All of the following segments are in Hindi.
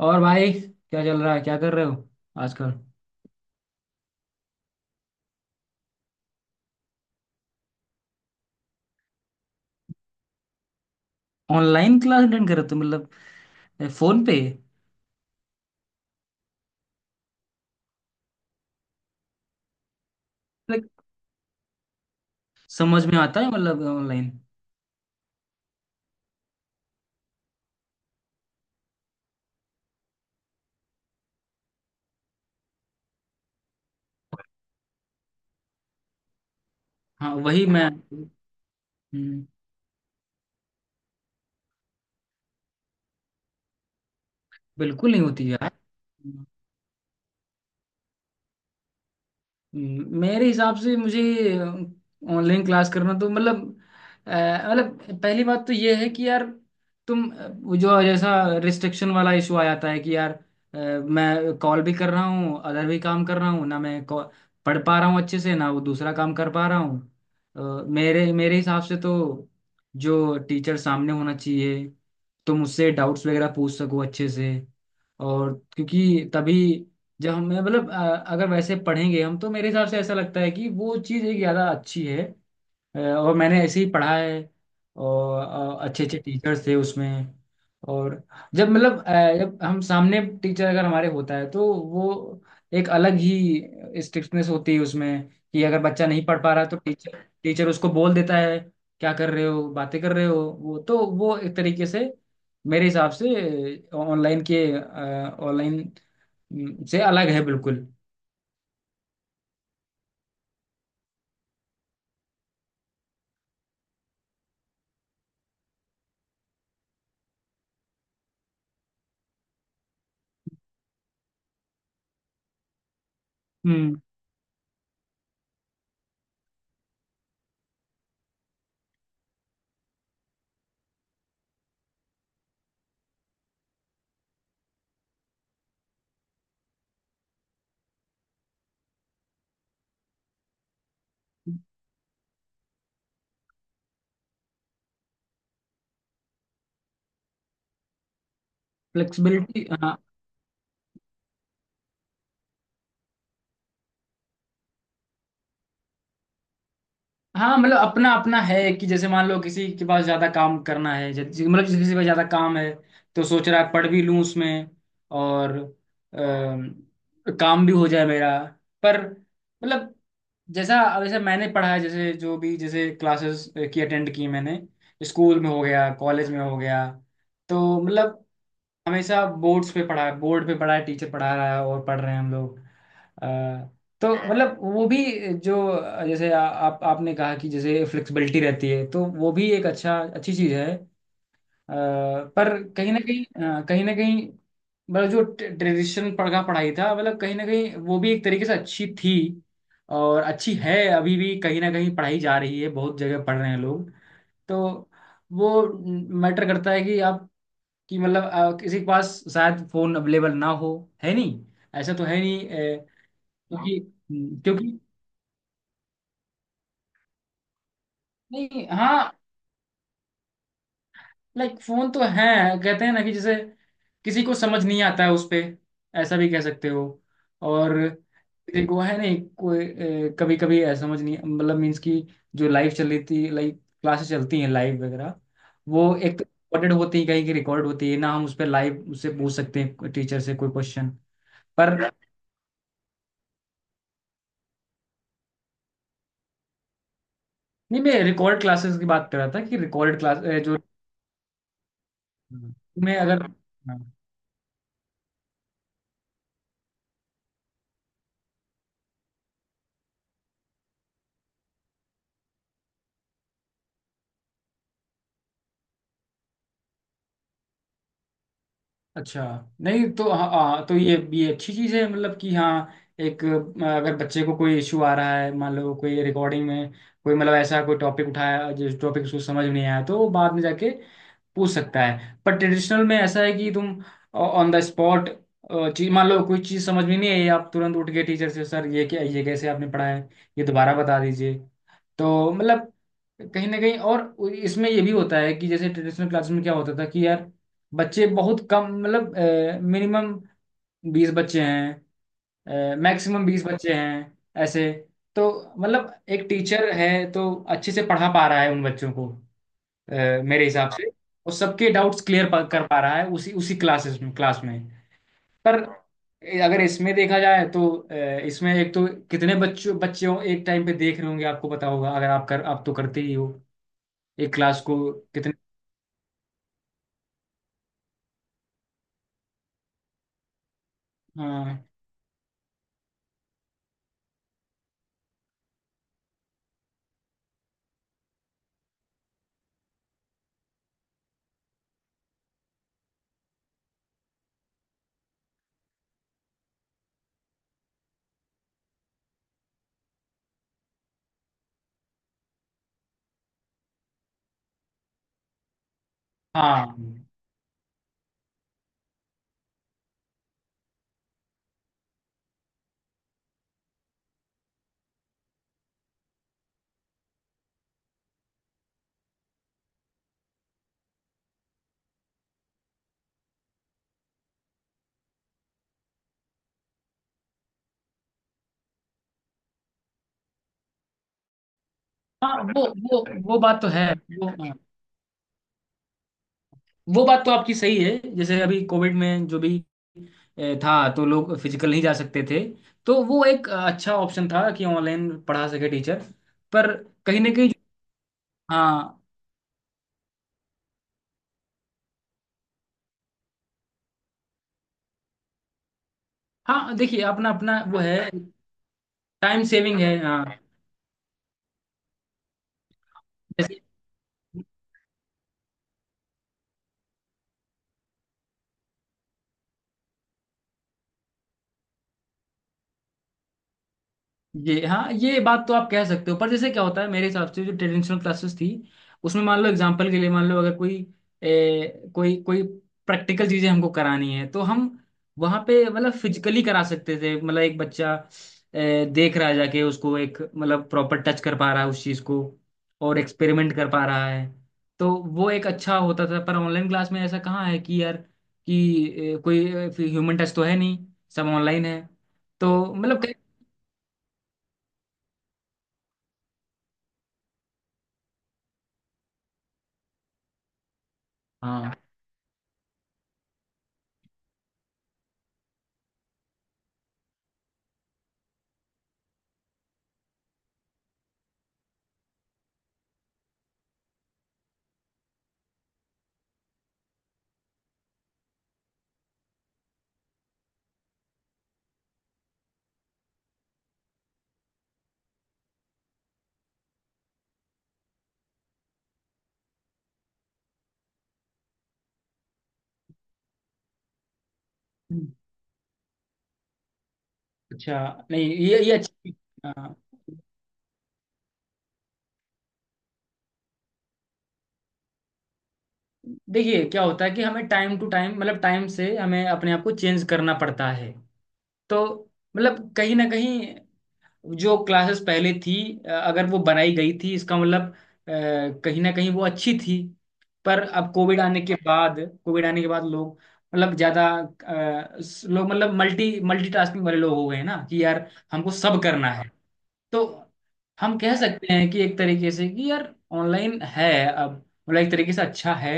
और भाई, क्या चल रहा है? क्या कर रहे हो आजकल? ऑनलाइन क्लास अटेंड कर रहे हो तुम, मतलब फोन पे? लाइक? समझ में आता है मतलब ऑनलाइन? हाँ, वही मैं। हम्म, बिल्कुल नहीं होती। यार। मेरे हिसाब से मुझे ऑनलाइन क्लास करना तो मतलब, अ, मतलब पहली बात तो ये है कि यार, तुम वो जो जैसा रिस्ट्रिक्शन वाला इशू आ जाता है, कि यार मैं कॉल भी कर रहा हूँ, अदर भी काम कर रहा हूँ ना, पढ़ पा रहा हूँ अच्छे से ना, वो दूसरा काम कर पा रहा हूँ। मेरे मेरे हिसाब से तो जो टीचर सामने होना चाहिए, तुम उससे डाउट्स वगैरह पूछ सको अच्छे से, और क्योंकि तभी, जब हम मतलब अगर वैसे पढ़ेंगे हम, तो मेरे हिसाब से ऐसा लगता है कि वो चीज़ एक ज़्यादा अच्छी है। और मैंने ऐसे ही पढ़ा है, और अच्छे अच्छे टीचर्स थे उसमें। और जब मतलब जब हम सामने टीचर अगर हमारे होता है, तो वो एक अलग ही स्ट्रिक्टनेस होती है उसमें। कि अगर बच्चा नहीं पढ़ पा रहा, तो टीचर टीचर उसको बोल देता है क्या कर रहे हो, बातें कर रहे हो। वो तो वो एक तरीके से मेरे हिसाब से ऑनलाइन के ऑनलाइन से अलग है बिल्कुल। हम्म। फ्लेक्सिबिलिटी, हाँ। हाँ, मतलब अपना अपना है कि जैसे मान लो किसी के पास ज्यादा काम करना है, जैसे मतलब जैसे किसी के पास ज्यादा काम है, तो सोच रहा है पढ़ भी लूँ उसमें, और अ, काम भी हो जाए मेरा। पर मतलब, जैसा वैसे मैंने पढ़ा है, जैसे जो भी, जैसे क्लासेस की अटेंड की मैंने, स्कूल में हो गया, कॉलेज में हो गया, तो मतलब हमेशा बोर्ड्स पे पढ़ा है, बोर्ड पे पढ़ा है, टीचर पढ़ा रहा है और पढ़ रहे हैं हम लोग। अ, तो मतलब वो भी, जो जैसे आप आपने कहा कि जैसे फ्लेक्सिबिलिटी रहती है, तो वो भी एक अच्छा अच्छी चीज़ है। पर कहीं ना कहीं कहीं ना कहीं मतलब जो ट्रेडिशन पढ़ा पढ़ाई था, मतलब कहीं ना कहीं वो भी एक तरीके से अच्छी थी, और अच्छी है अभी भी, कहीं ना कहीं पढ़ाई जा रही है, बहुत जगह पढ़ रहे हैं लोग। तो वो मैटर करता है कि आप, कि मतलब किसी के पास शायद फोन अवेलेबल ना हो, है नहीं, ऐसा तो है नहीं। क्योंकि क्योंकि नहीं, हाँ, लाइक फोन तो है। कहते हैं ना कि जैसे किसी को समझ नहीं आता है उस पे, ऐसा भी कह सकते हो। और किसी को है नहीं कोई, कभी कभी ऐसा समझ नहीं, मतलब मीन्स की जो लाइव चल रही थी, लाइव क्लासेस चलती हैं लाइव वगैरह। वो एक तो रिकॉर्डेड होती है, कहीं की रिकॉर्ड होती है ना, हम उस पर लाइव उससे पूछ सकते हैं टीचर से कोई क्वेश्चन। पर नहीं, मैं रिकॉर्ड क्लासेस की बात कर रहा था कि रिकॉर्ड क्लास जो हम्म, में अगर, हाँ, अच्छा। नहीं तो, हाँ हाँ, तो ये अच्छी चीज़ है मतलब कि, हाँ, एक अगर बच्चे को कोई इशू आ रहा है, मान लो कोई रिकॉर्डिंग में कोई मतलब ऐसा कोई टॉपिक उठाया, जिस टॉपिक उसको समझ में नहीं आया, तो वो बाद में जाके पूछ सकता है। पर ट्रेडिशनल में ऐसा है कि तुम ऑन द स्पॉट चीज, मान लो कोई चीज़ समझ में नहीं आई, आप तुरंत उठ के टीचर से, सर ये क्या, ये कैसे आपने पढ़ाया है, ये दोबारा बता दीजिए। तो मतलब कहीं ना कहीं, और इसमें ये भी होता है कि जैसे ट्रेडिशनल क्लासेस में क्या होता था कि यार, बच्चे बहुत कम, मतलब मिनिमम 20 बच्चे हैं, मैक्सिमम 20 बच्चे हैं ऐसे। तो मतलब एक टीचर है, तो अच्छे से पढ़ा पा रहा है उन बच्चों को। अ, मेरे हिसाब से, और सबके डाउट्स क्लियर कर पा रहा है उसी उसी क्लासेस में क्लास में। पर अगर इसमें देखा जाए, तो इसमें एक तो कितने बच्चों बच्चों एक टाइम पे देख रहे होंगे, आपको पता होगा, अगर आप तो करते ही हो एक क्लास को, कितने। हाँ हाँ हाँ, वो बात तो है। वो वो बात तो आपकी सही है, जैसे अभी कोविड में जो भी था, तो लोग फिजिकल नहीं जा सकते थे, तो वो एक अच्छा ऑप्शन था कि ऑनलाइन पढ़ा सके टीचर। पर कहीं ना कहीं, हाँ हाँ, देखिए अपना अपना वो है। टाइम सेविंग है, हाँ। जैसे, ये, हाँ, ये बात तो आप कह सकते हो, पर जैसे क्या होता है मेरे हिसाब से, जो ट्रेडिशनल क्लासेस थी, उसमें मान लो एग्जांपल के लिए, मान लो अगर कोई ए, कोई कोई प्रैक्टिकल चीजें हमको करानी है, तो हम वहाँ पे मतलब फिजिकली करा सकते थे। मतलब एक बच्चा देख रहा है जाके, उसको एक मतलब प्रॉपर टच कर पा रहा है उस चीज को, और एक्सपेरिमेंट कर पा रहा है, तो वो एक अच्छा होता था। पर ऑनलाइन क्लास में ऐसा कहाँ है कि यार, कि कोई ह्यूमन टच तो है नहीं, सब ऑनलाइन है। तो मतलब हाँ, अच्छा, नहीं ये अच्छी, हाँ, देखिए क्या होता है कि हमें टाइम टू टाइम, मतलब टाइम से हमें अपने आप को चेंज करना पड़ता है। तो मतलब कहीं ना कहीं, जो क्लासेस पहले थी, अगर वो बनाई गई थी, इसका मतलब कहीं ना कहीं वो अच्छी थी। पर अब कोविड आने के बाद लोग, मतलब ज्यादा लोग, मतलब मल्टीटास्किंग वाले लोग हो गए हैं ना कि यार हमको सब करना है, तो हम कह सकते हैं कि एक तरीके से कि यार ऑनलाइन है अब, मतलब एक तरीके से अच्छा है।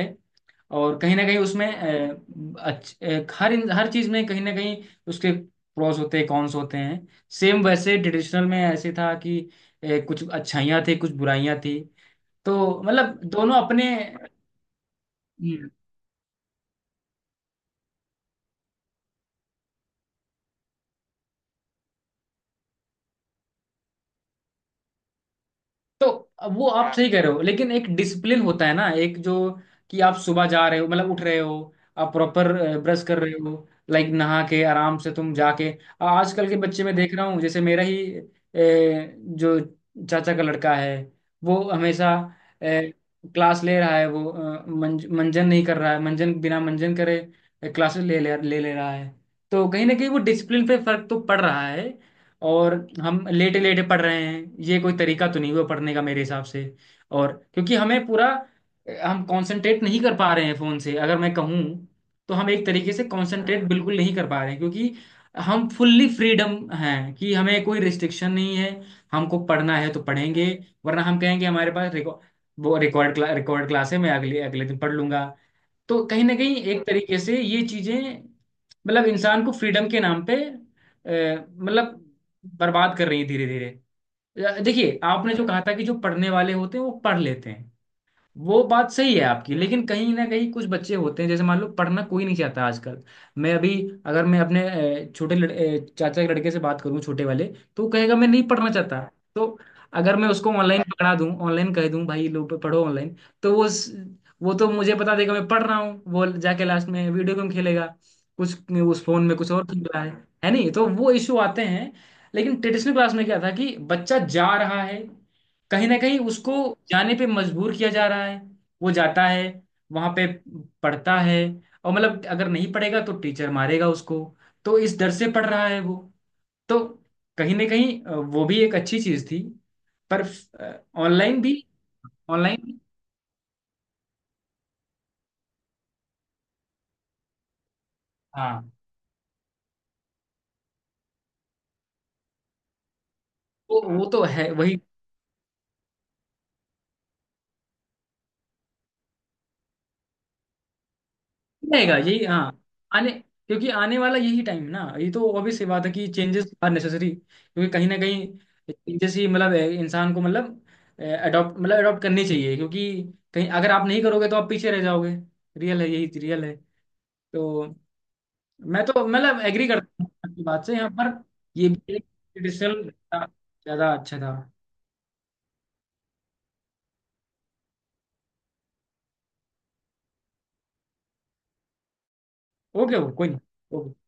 और कहीं ना कहीं उसमें अ, अच्छ, अ, हर इन- हर चीज में कहीं ना कहीं उसके प्रोस होते हैं, कॉन्स होते हैं। सेम वैसे ट्रेडिशनल में ऐसे था कि कुछ अच्छाइयाँ थी, कुछ बुराइयाँ थी, तो मतलब दोनों अपने। हम्म, तो वो आप सही कह रहे हो, लेकिन एक डिसिप्लिन होता है ना, एक जो, कि आप सुबह जा रहे हो, मतलब उठ रहे हो, आप प्रॉपर ब्रश कर रहे हो, लाइक नहा के आराम से तुम जाके, आजकल के बच्चे में देख रहा हूँ, जैसे मेरा ही जो चाचा का लड़का है, वो हमेशा ए, क्लास ले रहा है, वो मंजन नहीं कर रहा है, मंजन बिना मंजन करे क्लासेस ले ले ले ले रहा है, तो कहीं ना कहीं वो डिसिप्लिन पे फर्क तो पड़ रहा है। और हम लेटे लेटे पढ़ रहे हैं, ये कोई तरीका तो नहीं हुआ पढ़ने का मेरे हिसाब से। और क्योंकि हमें पूरा, हम कंसंट्रेट नहीं कर पा रहे हैं फोन से, अगर मैं कहूँ, तो हम एक तरीके से कंसंट्रेट बिल्कुल नहीं कर पा रहे हैं, क्योंकि हम फुल्ली फ्रीडम हैं, कि हमें कोई रिस्ट्रिक्शन नहीं है। हमको पढ़ना है तो पढ़ेंगे, वरना हम कहेंगे हमारे पास रिकॉर्ड, वो रिकॉर्ड क्लास है, मैं अगले अगले दिन पढ़ लूंगा। तो कहीं ना कहीं एक तरीके से ये चीजें, मतलब इंसान को फ्रीडम के नाम पे मतलब बर्बाद कर रही है धीरे धीरे। देखिए आपने जो कहा था कि जो पढ़ने वाले होते हैं वो पढ़ लेते हैं, वो बात सही है आपकी, लेकिन कहीं ना कहीं कुछ बच्चे होते हैं, जैसे मान लो, पढ़ना कोई नहीं चाहता आजकल। मैं अभी, अगर मैं अपने चाचा के लड़के से बात करूं छोटे वाले, तो वो कहेगा मैं नहीं पढ़ना चाहता। तो अगर मैं उसको ऑनलाइन पकड़ा दूं, ऑनलाइन कह दूं भाई लो पढ़ो ऑनलाइन, तो वो वो तो मुझे बता देगा मैं पढ़ रहा हूँ, वो जाके लास्ट में वीडियो गेम खेलेगा, कुछ उस फोन में कुछ और खेल रहा है। है नहीं, तो वो इशू आते हैं। लेकिन ट्रेडिशनल क्लास में क्या था कि बच्चा जा रहा है, कहीं ना कहीं उसको जाने पे मजबूर किया जा रहा है, वो जाता है वहां पे, पढ़ता है, और मतलब अगर नहीं पढ़ेगा तो टीचर मारेगा उसको, तो इस डर से पढ़ रहा है वो। तो कहीं ना कहीं वो भी एक अच्छी चीज थी। पर ऑनलाइन भी ऑनलाइन हाँ, तो वो तो है, वही रहेगा यही। हाँ, आने क्योंकि आने वाला यही टाइम है ना, ये तो ऑब्वियस सी बात है कि चेंजेस आर नेसेसरी, क्योंकि कहीं ना कहीं चेंजेस ही, मतलब इंसान को मतलब अडॉप्ट करनी चाहिए, क्योंकि कहीं अगर आप नहीं करोगे तो आप पीछे रह जाओगे, रियल है, यही रियल है। तो मैं तो मतलब एग्री करता हूँ आपकी बात से यहाँ पर, ये भी ट्रेडिशनल ज़्यादा अच्छा था। ओके, वो कोई नहीं। okay।